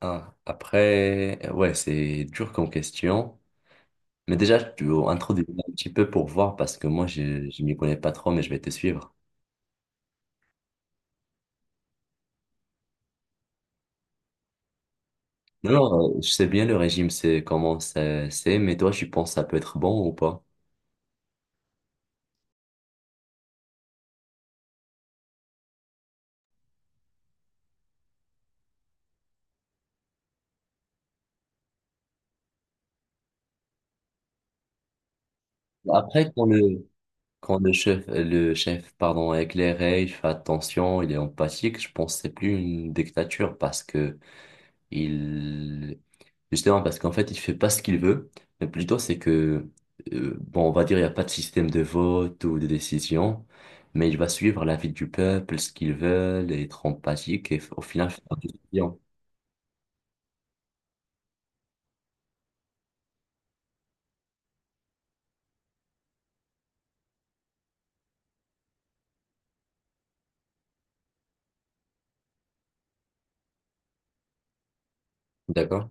Ah, après, ouais, c'est dur comme question. Mais déjà, tu veux introduire un petit peu pour voir parce que moi, je m'y connais pas trop, mais je vais te suivre. Non, non, je sais bien le régime, c'est, mais toi, tu penses que ça peut être bon ou pas? Après, quand le, quand le chef, pardon, est éclairé, il fait attention, il est empathique, je pense que c'est plus une dictature parce que Il, justement, parce qu'en fait, il fait pas ce qu'il veut, mais plutôt c'est que, bon, on va dire, il n'y a pas de système de vote ou de décision, mais il va suivre l'avis du peuple, ce qu'ils veulent, être empathique au final faire des décisions. D'accord?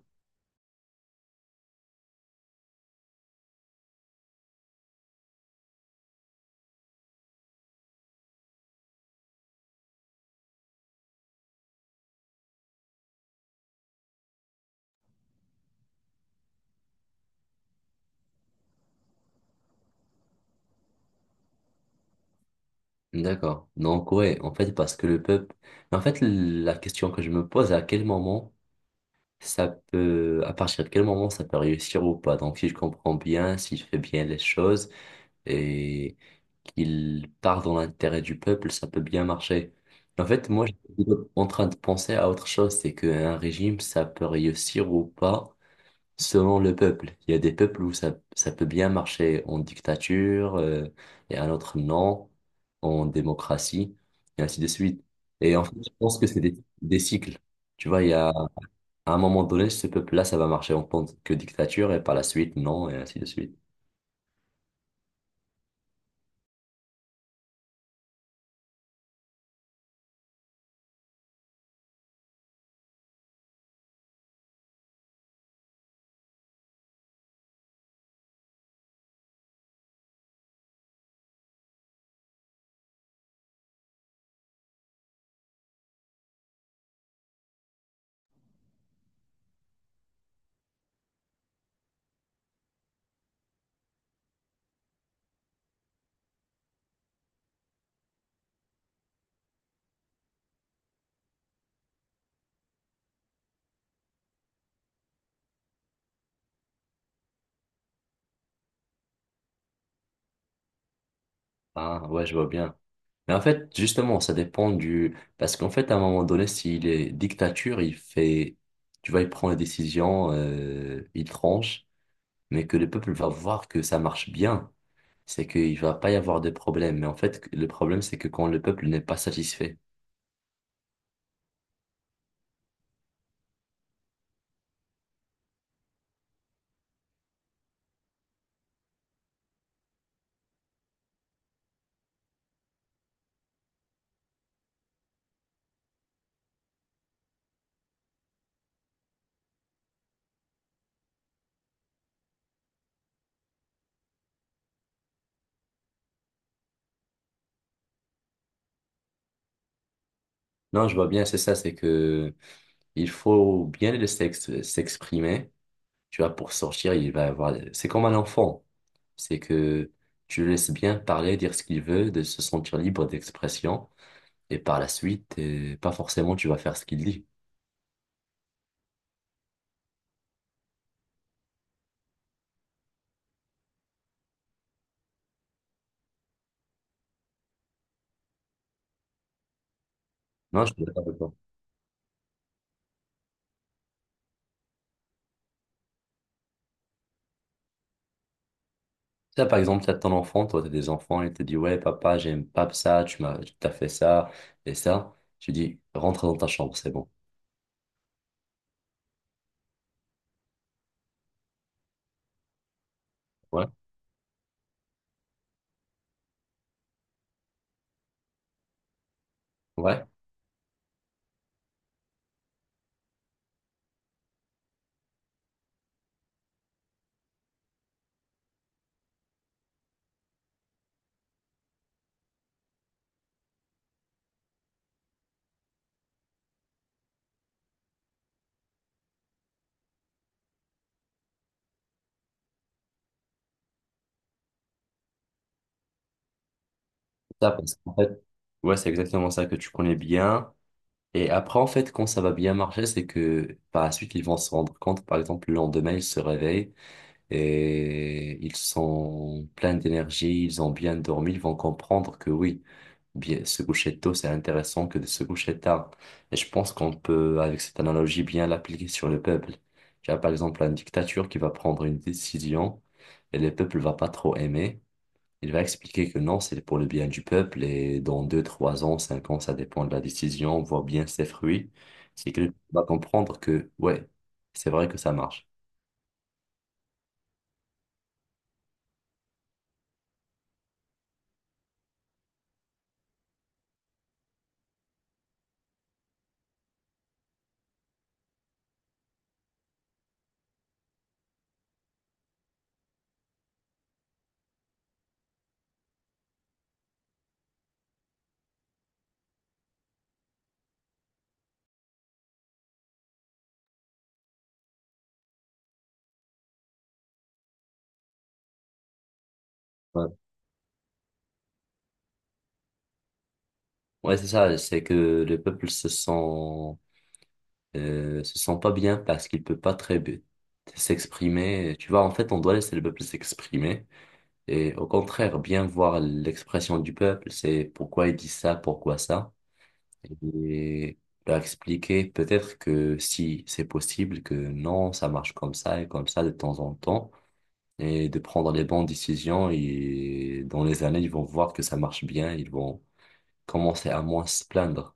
D'accord. Donc, ouais, en fait, parce que le peuple. Mais en fait, la question que je me pose, à quel moment ça peut. À partir de quel moment ça peut réussir ou pas? Donc, si je comprends bien, si je fais bien les choses, et qu'il part dans l'intérêt du peuple, ça peut bien marcher. En fait, moi, j'étais en train de penser à autre chose, c'est qu'un régime, ça peut réussir ou pas selon le peuple. Il y a des peuples où ça peut bien marcher en dictature, et un autre non, en démocratie, et ainsi de suite. Et en fait, je pense que des cycles. Tu vois, il y a à un moment donné, ce peuple-là, ça va marcher en tant que dictature, et par la suite, non, et ainsi de suite. Ah, ouais, je vois bien. Mais en fait, justement, ça dépend du... Parce qu'en fait, à un moment donné, s'il est dictature, il fait... Tu vois, il prend les décisions, il tranche, mais que le peuple va voir que ça marche bien. C'est qu'il va pas y avoir de problème. Mais en fait, le problème, c'est que quand le peuple n'est pas satisfait. Non, je vois bien, c'est ça, c'est que il faut bien le s'exprimer. Tu vois, pour sortir, il va avoir... C'est comme un enfant. C'est que tu le laisses bien parler, dire ce qu'il veut, de se sentir libre d'expression. Et par la suite, pas forcément tu vas faire ce qu'il dit. Non, je suis d'accord avec toi. Ça, par exemple, t'as ton enfant, toi, t'as des enfants, il te dit, ouais, papa, j'aime pas ça, tu t'as fait ça et ça. Tu dis, rentre dans ta chambre, c'est bon. Ouais. Ouais. Ça, parce qu'en fait, ouais, c'est exactement ça que tu connais bien. Et après, en fait, quand ça va bien marcher, c'est que par la suite, ils vont se rendre compte, par exemple, le lendemain, ils se réveillent. Et ils sont pleins d'énergie, ils ont bien dormi, ils vont comprendre que oui, bien, se coucher tôt, c'est intéressant que de se coucher tard. Et je pense qu'on peut, avec cette analogie, bien l'appliquer sur le peuple. Tu as par exemple une dictature qui va prendre une décision et le peuple va pas trop aimer. Il va expliquer que non, c'est pour le bien du peuple et dans deux, trois ans, cinq ans, ça dépend de la décision, on voit bien ses fruits. C'est que va comprendre que ouais, c'est vrai que ça marche. Ouais, c'est ça, c'est que le peuple se sent pas bien parce qu'il peut pas très bien s'exprimer. Tu vois, en fait, on doit laisser le peuple s'exprimer et au contraire, bien voir l'expression du peuple, c'est pourquoi il dit ça, pourquoi ça, et leur expliquer peut-être que si c'est possible, que non, ça marche comme ça et comme ça de temps en temps, et de prendre les bonnes décisions et dans les années, ils vont voir que ça marche bien, ils vont commencer à moins se plaindre.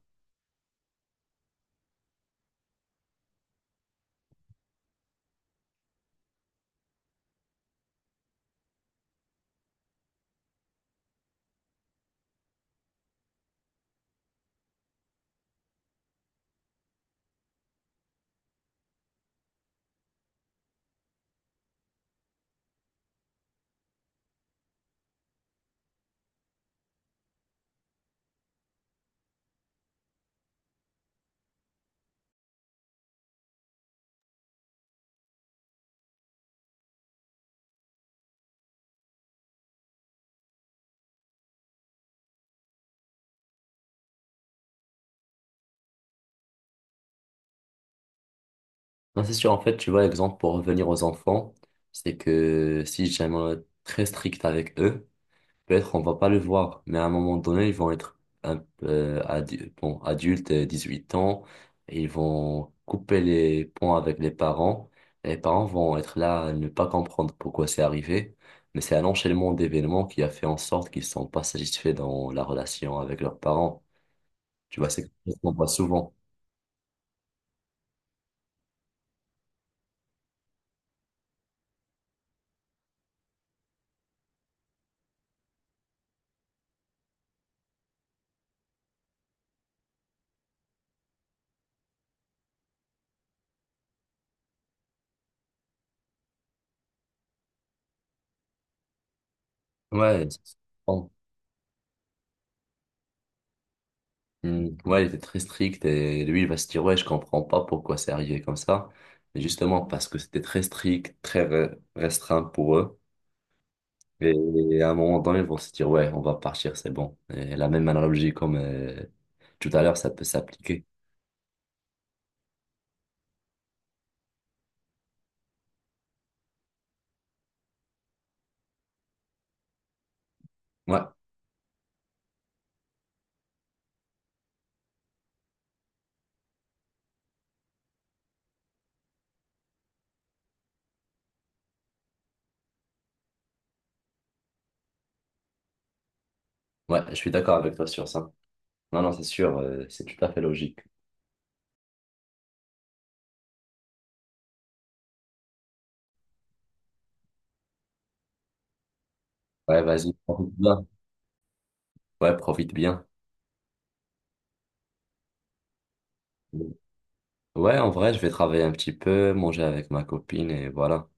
Non, c'est sûr. En fait, tu vois, exemple, pour revenir aux enfants, c'est que si jamais on est très strict avec eux, peut-être on va pas le voir. Mais à un moment donné, ils vont être un peu, bon, adultes, 18 ans. Et ils vont couper les ponts avec les parents. Et les parents vont être là à ne pas comprendre pourquoi c'est arrivé. Mais c'est un enchaînement d'événements qui a fait en sorte qu'ils sont pas satisfaits dans la relation avec leurs parents. Tu vois, c'est quelque chose qu'on voit souvent. Ouais, c'est- Hmm, ouais, il était très strict et lui, il va se dire, ouais, je comprends pas pourquoi c'est arrivé comme ça. Mais justement, parce que c'était très strict, restreint pour eux. Et, à un moment donné, ils vont se dire, ouais, on va partir, c'est bon. Et la même analogie comme tout à l'heure, ça peut s'appliquer. Ouais, ouais, je suis d'accord avec toi sur ça. Non, non, c'est sûr, c'est tout à fait logique. Ouais, vas-y, profite bien. Ouais, profite bien. Ouais, en vrai, je vais travailler un petit peu, manger avec ma copine et voilà.